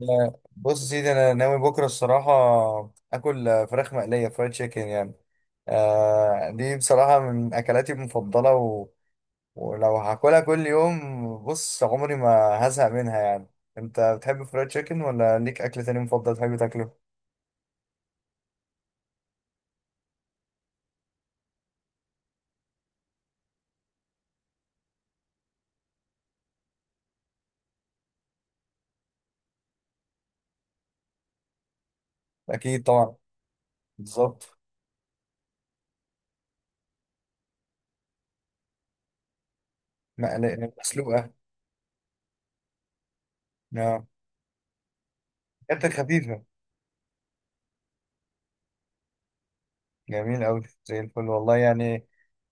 لا، بص يا سيدي، انا ناوي بكره الصراحه اكل فراخ مقليه فرايد تشيكن يعني. آه، دي بصراحه من اكلاتي المفضله، ولو هاكلها كل يوم، بص، عمري ما هزهق منها يعني. انت بتحب فرايد تشيكن ولا ليك اكل تاني مفضل تحب تاكله؟ اكيد طبعا. بالظبط. مقليه مسلوقه. نعم. اكلات خفيفه. جميل قوي زي الفل والله يعني.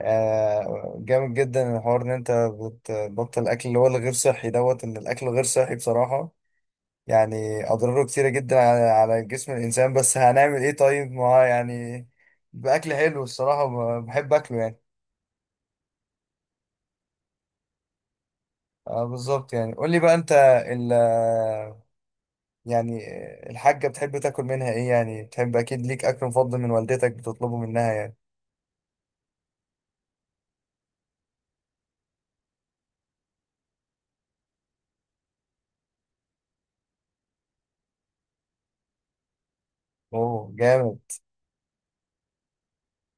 جامد جدا الحوار ان انت بتبطل الاكل اللي هو الغير صحي دوت، ان الاكل غير صحي بصراحة، يعني اضراره كتيرة جدا على جسم الانسان. بس هنعمل ايه؟ طيب، ما هو يعني باكل حلو الصراحة، بحب اكله يعني. آه، بالظبط يعني. قول لي بقى انت، ال يعني الحاجة بتحب تاكل منها ايه؟ يعني بتحب اكيد ليك اكل مفضل من والدتك بتطلبه منها يعني. اوه، جامد.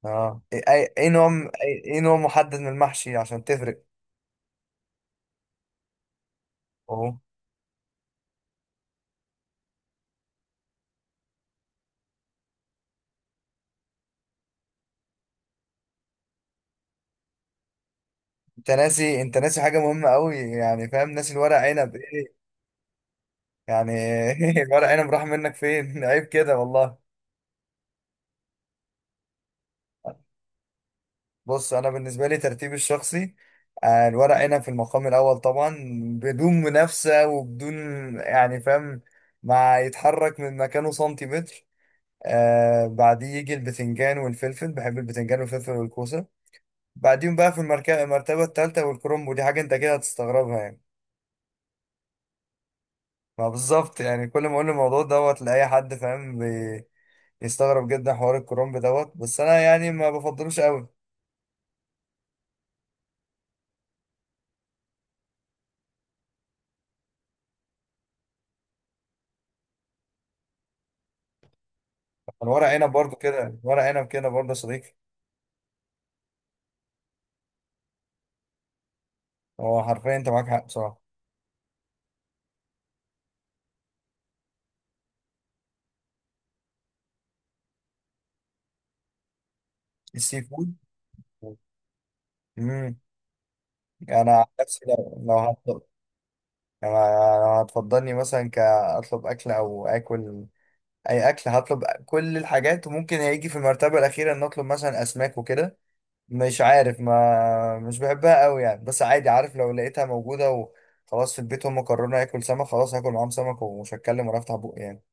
اه، إيه نوع؟ إيه نوع محدد من المحشي عشان تفرق؟ اوه. انت ناسي حاجه مهمه قوي، يعني فاهم، ناسي الورق عنب. ايه يعني؟ الورق عنب راح منك فين؟ عيب كده والله. بص، انا بالنسبه لي ترتيبي الشخصي، الورق عنب في المقام الاول طبعا، بدون منافسه وبدون، يعني فاهم، ما يتحرك من مكانه سنتيمتر. آه، بعديه يجي البتنجان والفلفل، بحب البتنجان والفلفل والكوسه. بعديهم بقى في المرتبه الثالثه والكرنب، ودي حاجه انت كده هتستغربها يعني. ما بالظبط يعني، كل ما اقول الموضوع دوت لاي حد، فاهم، يستغرب جدا حوار الكرنب دوت. بس انا يعني ما بفضلوش قوي. انا ورق عنب برضو كده، ورق عنب كده برضو يا صديقي. هو حرفيا انت معاك حق بصراحه. السي فود. امم. انا عن نفسي لو هطلب يعني، لو هتفضلني مثلا كاطلب اكل او اكل، اي اكل هطلب، كل الحاجات، وممكن هيجي في المرتبه الاخيره ان اطلب مثلا اسماك وكده. مش عارف، ما مش بحبها قوي يعني، بس عادي، عارف، لو لقيتها موجوده وخلاص في البيت هم قرروا اكل سمك، خلاص هاكل معاهم سمك ومش هتكلم ولا افتح بقي يعني.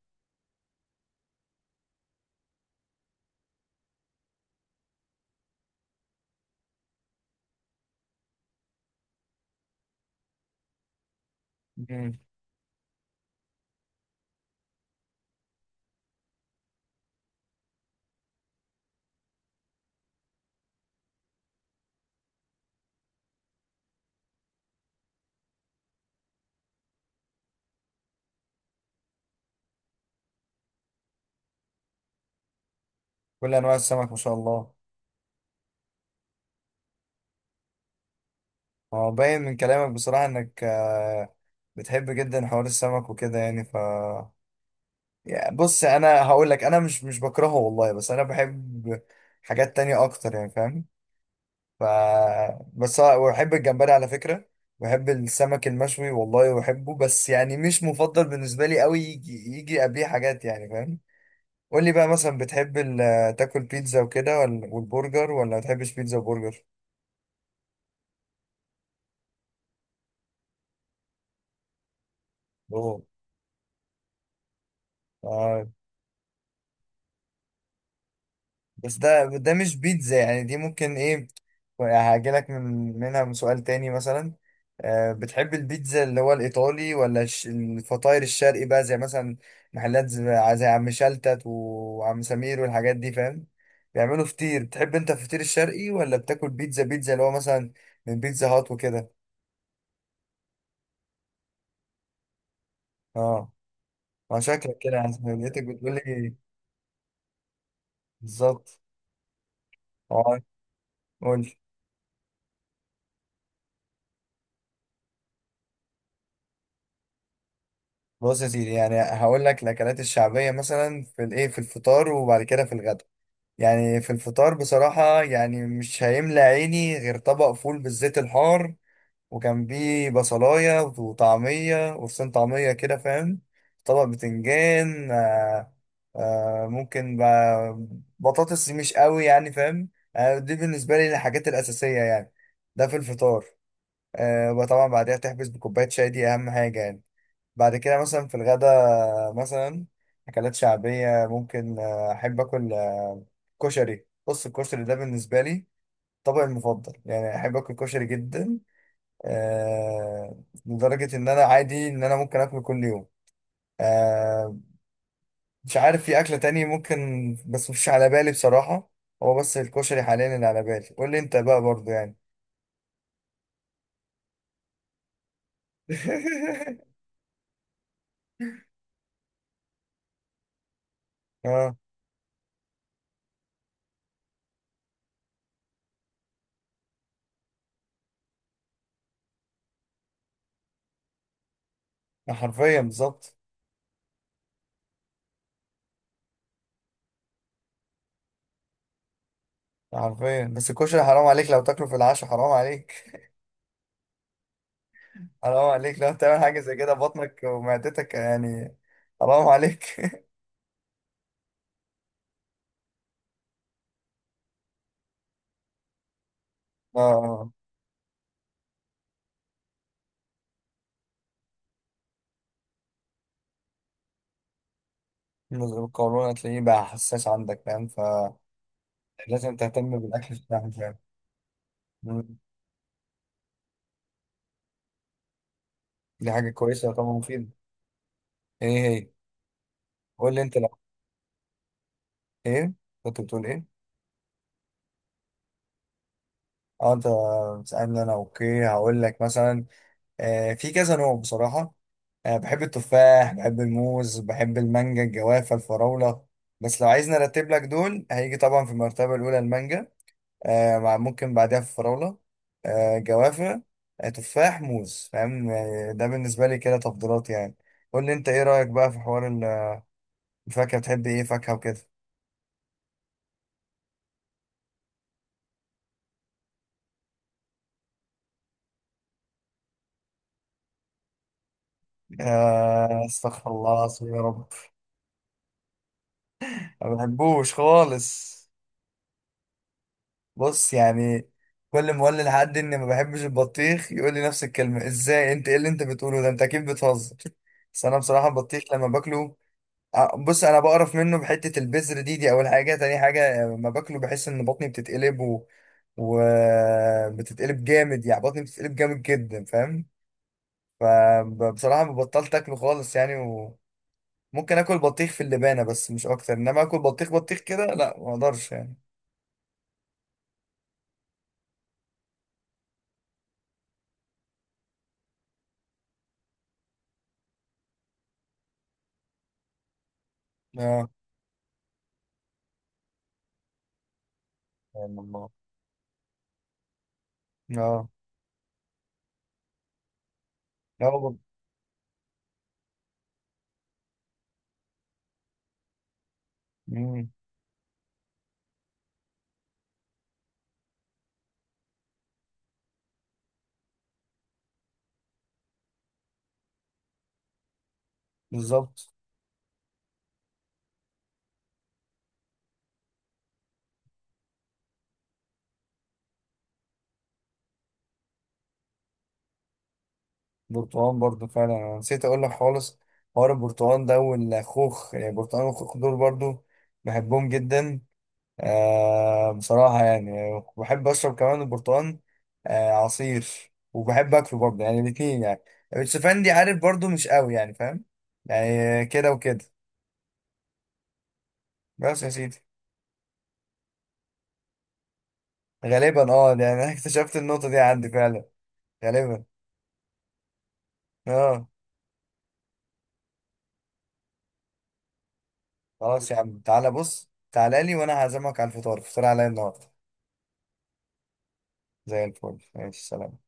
مم. كل انواع السمك ما شاء الله. هو باين من كلامك بصراحه انك بتحب جدا حوار السمك وكده يعني. يعني بص، انا هقول لك انا مش بكرهه والله، بس انا بحب حاجات تانية اكتر يعني فاهم. ف وبحب الجمبري على فكره. بحب السمك المشوي والله بحبه، بس يعني مش مفضل بالنسبه لي قوي، يجي قبليه حاجات، يعني فاهم. قول لي بقى مثلا، بتحب تاكل بيتزا وكده ولا والبرجر، ولا ما بتحبش بيتزا وبرجر؟ اوه. بس ده مش بيتزا يعني، دي ممكن ايه. هاجيلك من سؤال تاني مثلا. بتحب البيتزا اللي هو الإيطالي، ولا الفطاير الشرقي بقى، زي مثلا محلات زي عم شلتت وعم سمير والحاجات دي، فاهم، بيعملوا فطير. بتحب انت الفطير الشرقي ولا بتاكل بيتزا اللي هو مثلا من بيتزا هات وكده؟ اه. ما شكلك كده يعني، لقيتك بتقول لي. بالظبط. اه، قول. بص يا سيدي، يعني هقول لك الاكلات الشعبيه مثلا في الفطار وبعد كده في الغدا. يعني في الفطار بصراحه يعني مش هيملى عيني غير طبق فول بالزيت الحار، وكان بيه بصلايه وطعميه، وفصين طعميه كده، فاهم، طبق بتنجان. ممكن بطاطس، مش قوي يعني فاهم. آه، دي بالنسبه لي الحاجات الاساسيه يعني، ده في الفطار. وطبعا بعدها تحبس بكوباية شاي، دي أهم حاجة يعني. بعد كده مثلا في الغدا، مثلا أكلات شعبية ممكن، أحب آكل كشري. بص، الكشري ده بالنسبة لي طبقي المفضل، يعني أحب آكل كشري جدا، لدرجة إن أنا عادي إن أنا ممكن آكله كل يوم. آه، مش عارف في أكلة تانية ممكن، بس مش على بالي بصراحة، هو بس الكشري حاليا اللي على بالي. قول لي أنت بقى برضو يعني. اه، حرفيا بالظبط. عارفين، بس الكشري حرام عليك لو تاكله في العشاء، حرام عليك. حرام عليك لو تعمل حاجة زي كده، بطنك ومعدتك يعني. حرام عليك. اه، نزل القولون هتلاقيه بقى حساس عندك فاهم، فلازم تهتم بالأكل بتاعك فاهم. مم. دي حاجة كويسة طبعا، مفيدة. ايه هي؟ قول لي انت، لو ايه، كنت بتقول ايه؟ اه، انت بتسألني انا. اوكي، هقول لك مثلا، في كذا نوع بصراحة. بحب التفاح، بحب الموز، بحب المانجا، الجوافة، الفراولة. بس لو عايز نرتب لك، دول هيجي طبعا في المرتبة الأولى المانجا، مع ممكن بعدها الفراولة، جوافة، تفاح، موز، فاهم، ده بالنسبة لي كده تفضيلات يعني. قول لي أنت إيه رأيك بقى في حوار الفاكهة؟ بتحب إيه فاكهة وكده؟ استغفر الله العظيم يا رب. ما بحبوش خالص. بص يعني، كل ما اقول لحد اني ما بحبش البطيخ، يقول لي نفس الكلمه: ازاي انت؟ ايه اللي انت بتقوله ده؟ انت اكيد بتهزر. بس انا بصراحه البطيخ لما باكله، بص، انا بقرف منه بحته، البذر دي اول حاجه، تاني حاجه لما باكله بحس ان بطني بتتقلب، وبتتقلب جامد، يعني بطني بتتقلب جامد جدا، فاهم. فبصراحه بطلت اكله خالص يعني، وممكن اكل بطيخ في اللبانه بس مش اكتر، انما اكل بطيخ بطيخ كده، لا ما اقدرش يعني. اه. سبحان الله. اه. لا. مم، بالظبط. برتقال برضو فعلا، انا نسيت اقول لك خالص حوار البرتقال ده والخوخ، يعني البرتقال والخوخ دول برضو بحبهم جدا. آه، بصراحة يعني بحب اشرب كمان البرتقال، آه، عصير، وبحب اكله برضو يعني، الاتنين يعني. الشوفان دي، عارف، برضو مش قوي يعني فاهم، يعني كده وكده. بس يا سيدي. غالبا، اه، ده انا اكتشفت النقطة دي عندي فعلا. غالبا. اه. خلاص يا عم، تعالى، بص، تعالى لي وانا هعزمك على الفطار، الفطار عليا النهارده. زي الفل. ماشي، سلام.